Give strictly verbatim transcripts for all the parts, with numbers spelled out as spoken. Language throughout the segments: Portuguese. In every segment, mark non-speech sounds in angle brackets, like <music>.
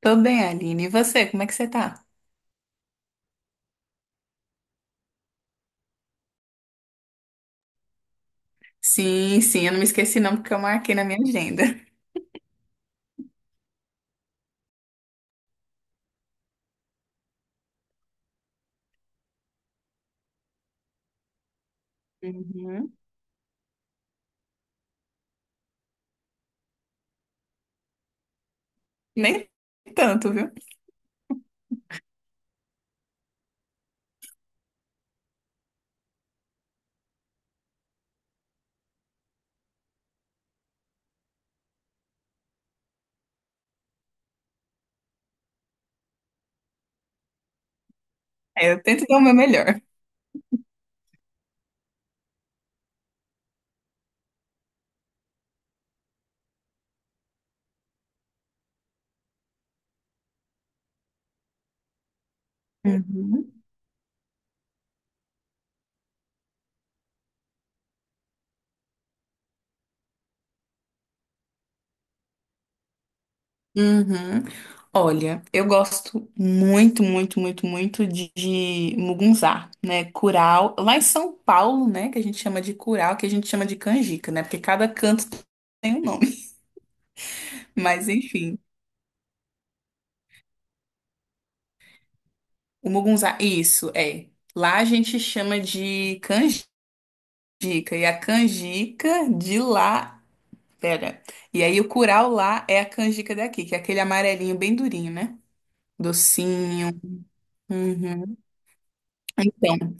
Tô bem, Aline. E você, como é que você tá? Sim, sim, eu não me esqueci não, porque eu marquei na minha agenda. Uhum. Nem tanto, viu? É, eu tento dar o meu melhor. Uhum. Uhum. Olha, eu gosto muito, muito, muito, muito de, de mugunzá, né? Curau. Lá em São Paulo, né? Que a gente chama de curau, que a gente chama de canjica, né? Porque cada canto tem um nome. <laughs> Mas enfim, o mugunzá, isso, é. Lá a gente chama de canjica. E a canjica de lá. Pera. E aí o curau lá é a canjica daqui, que é aquele amarelinho bem durinho, né? Docinho. Uhum. Então.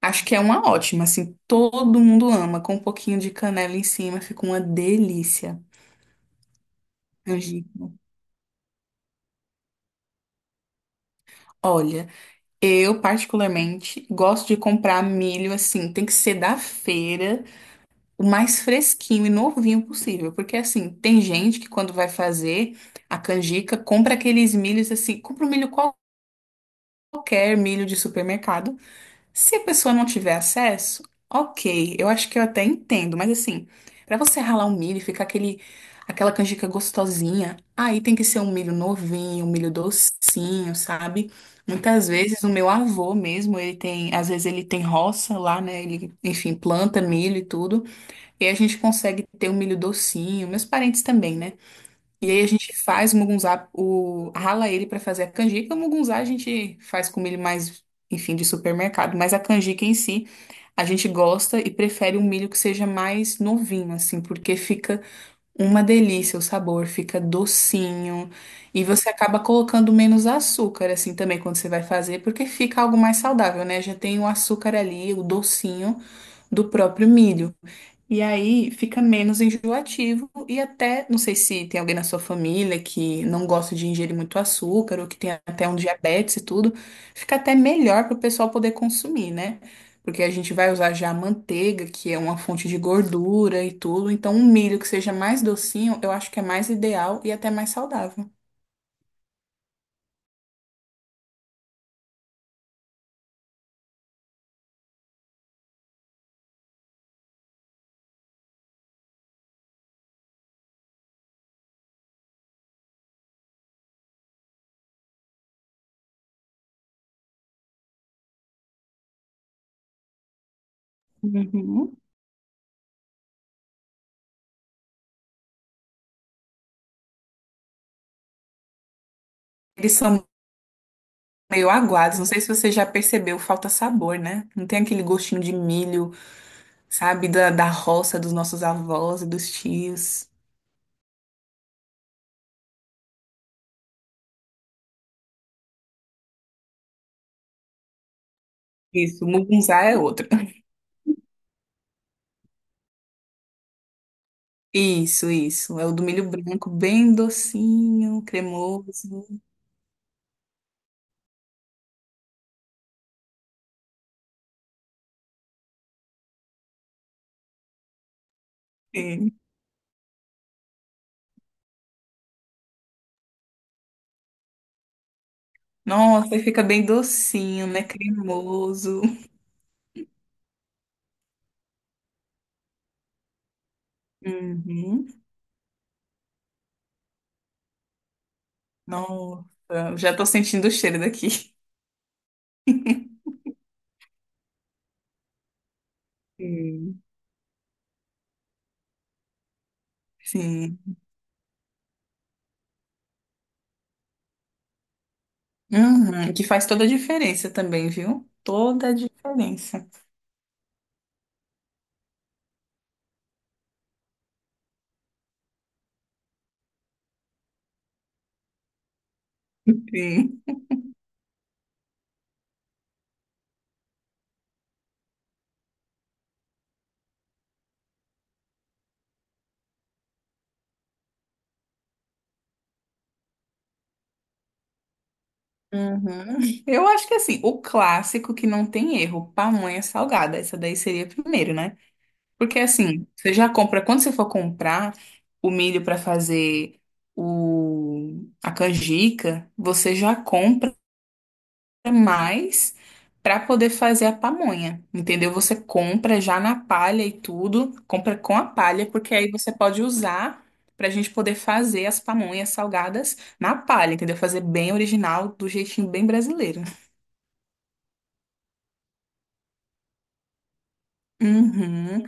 Acho que é uma ótima, assim, todo mundo ama, com um pouquinho de canela em cima, fica uma delícia. Angico. Olha, eu particularmente gosto de comprar milho assim, tem que ser da feira, o mais fresquinho e novinho possível, porque assim, tem gente que quando vai fazer a canjica, compra aqueles milhos assim, compra um milho qualquer, milho de supermercado. Se a pessoa não tiver acesso, ok, eu acho que eu até entendo, mas assim, pra você ralar um milho e ficar aquele, aquela canjica gostosinha, aí tem que ser um milho novinho, um milho docinho, sabe? Muitas vezes o meu avô mesmo, ele tem, às vezes ele tem roça lá, né? Ele, enfim, planta milho e tudo, e a gente consegue ter um milho docinho, meus parentes também, né? E aí a gente faz o mugunzá, o, rala ele para fazer a canjica. O mugunzá a gente faz com milho mais, enfim, de supermercado. Mas a canjica em si, a gente gosta e prefere um milho que seja mais novinho, assim, porque fica uma delícia o sabor, fica docinho. E você acaba colocando menos açúcar, assim, também quando você vai fazer, porque fica algo mais saudável, né? Já tem o açúcar ali, o docinho do próprio milho. E aí fica menos enjoativo e até, não sei se tem alguém na sua família que não gosta de ingerir muito açúcar ou que tem até um diabetes e tudo, fica até melhor para o pessoal poder consumir, né? Porque a gente vai usar já a manteiga, que é uma fonte de gordura e tudo, então um milho que seja mais docinho, eu acho que é mais ideal e até mais saudável. Uhum. Eles são meio aguados, não sei se você já percebeu, falta sabor, né? Não tem aquele gostinho de milho sabe? Da, da roça dos nossos avós e dos tios. Isso, mugunzá é outro. Isso, isso. É o do milho branco, bem docinho, cremoso. Sim. Nossa, ele fica bem docinho, né? Cremoso. Uhum. Nossa, já tô sentindo o cheiro daqui. Sim. Sim. Uhum. Que faz toda a diferença também, viu? Toda a diferença. Sim. Uhum. Eu acho que assim, o clássico que não tem erro, pamonha salgada, essa daí seria primeiro, né? Porque assim, você já compra, quando você for comprar o milho para fazer o, a canjica, você já compra mais para poder fazer a pamonha, entendeu? Você compra já na palha e tudo, compra com a palha, porque aí você pode usar para a gente poder fazer as pamonhas salgadas na palha, entendeu? Fazer bem original, do jeitinho bem brasileiro. Uhum.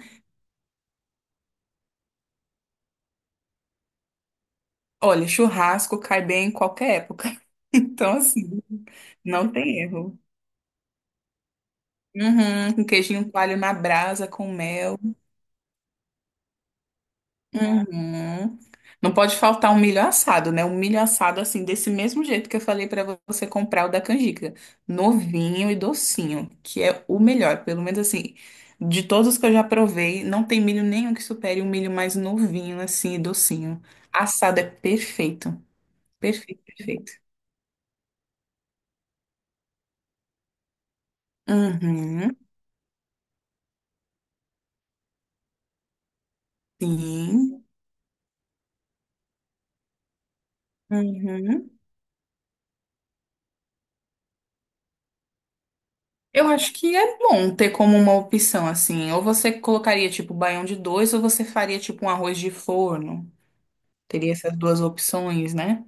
Olha, churrasco cai bem em qualquer época. <laughs> Então, assim, não tem erro. Uhum. Um queijinho coalho na brasa com mel. Uhum. Não pode faltar um milho assado, né? Um milho assado, assim, desse mesmo jeito que eu falei pra você comprar o da canjica. Novinho e docinho, que é o melhor. Pelo menos, assim, de todos que eu já provei, não tem milho nenhum que supere um milho mais novinho, assim, e docinho. Assado é perfeito. Perfeito, perfeito. Uhum. Sim. Uhum. Eu acho que é bom ter como uma opção assim. Ou você colocaria tipo baião de dois, ou você faria tipo um arroz de forno. Teria essas duas opções, né?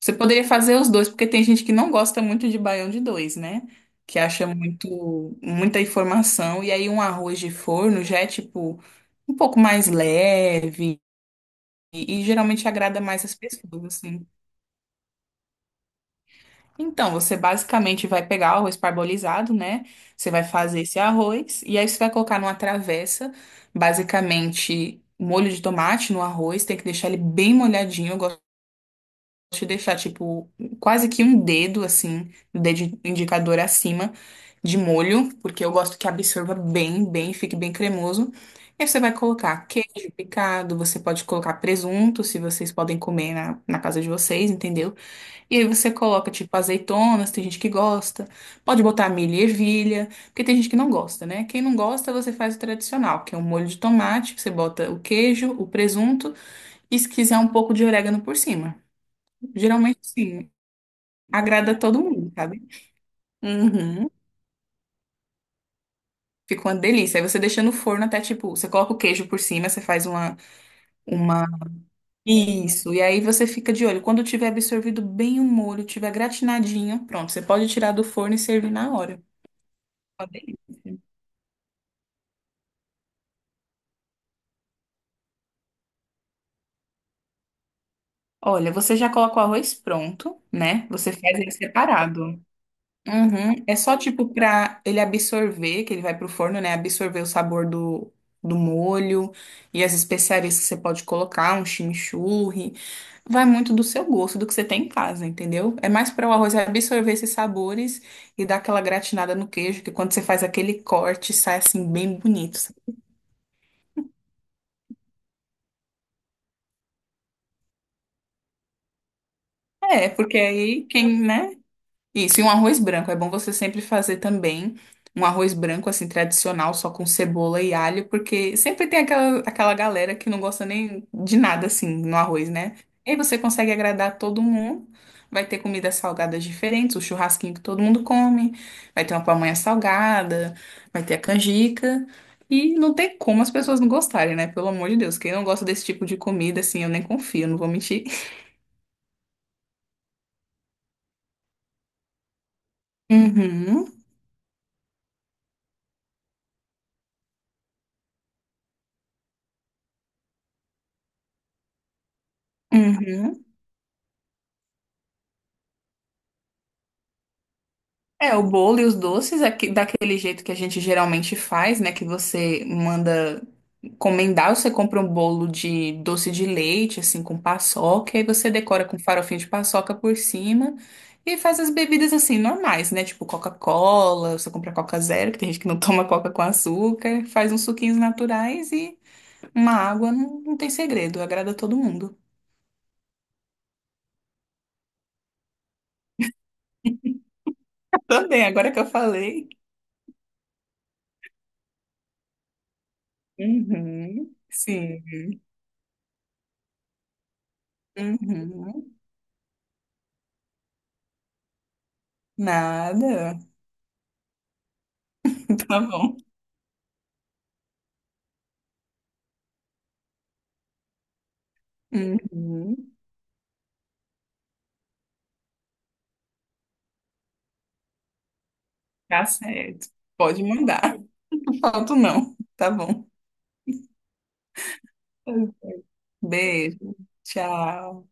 Você poderia fazer os dois, porque tem gente que não gosta muito de baião de dois, né? Que acha muito, muita informação. E aí um arroz de forno já é tipo um pouco mais leve e, e geralmente agrada mais as pessoas, assim. Então, você basicamente vai pegar o arroz parbolizado, né? Você vai fazer esse arroz e aí você vai colocar numa travessa, basicamente um molho de tomate no arroz, tem que deixar ele bem molhadinho. Eu gosto de deixar tipo quase que um dedo assim, o dedo indicador acima de molho, porque eu gosto que absorva bem, bem, fique bem cremoso. E aí você vai colocar queijo picado, você pode colocar presunto, se vocês podem comer na, na casa de vocês, entendeu? E aí você coloca, tipo, azeitonas, tem gente que gosta. Pode botar milho e ervilha, porque tem gente que não gosta, né? Quem não gosta, você faz o tradicional, que é um molho de tomate, você bota o queijo, o presunto e se quiser um pouco de orégano por cima. Geralmente, sim, agrada todo mundo, sabe? Uhum. Fica uma delícia. Aí você deixa no forno até, tipo, você coloca o queijo por cima, você faz uma, uma... Isso. E aí você fica de olho. Quando tiver absorvido bem o molho, tiver gratinadinho, pronto. Você pode tirar do forno e servir na hora. Olha, você já coloca o arroz pronto, né? Você faz ele separado. Uhum. É só tipo pra ele absorver, que ele vai pro forno, né? Absorver o sabor do, do molho e as especiarias que você pode colocar, um chimichurri. Vai muito do seu gosto, do que você tem em casa, entendeu? É mais para o arroz absorver esses sabores e dar aquela gratinada no queijo, que quando você faz aquele corte, sai assim bem bonito. É, porque aí quem, né? Isso, e um arroz branco. É bom você sempre fazer também um arroz branco, assim, tradicional, só com cebola e alho, porque sempre tem aquela, aquela galera que não gosta nem de nada, assim, no arroz, né? E aí você consegue agradar todo mundo. Vai ter comidas salgadas diferentes, o churrasquinho que todo mundo come, vai ter uma pamonha salgada, vai ter a canjica. E não tem como as pessoas não gostarem, né? Pelo amor de Deus, quem não gosta desse tipo de comida, assim, eu nem confio, não vou mentir. <laughs> Uhum, uhum. É, o bolo e os doces é que- daquele jeito que a gente geralmente faz, né? Que você manda encomendar, você compra um bolo de doce de leite, assim, com paçoca, e aí você decora com farofinho de paçoca por cima e faz as bebidas, assim, normais, né? Tipo Coca-Cola, você compra Coca Zero, que tem gente que não <laughs> toma Coca com açúcar, faz uns suquinhos naturais e uma água, não, não tem segredo, agrada todo mundo. <laughs> Também, agora que eu falei. Uhum, sim. Uhum, nada. <laughs> Tá bom. Uhum. Tá certo. Pode mandar. <laughs> Não falto, não. Tá bom. Beijo. Tchau.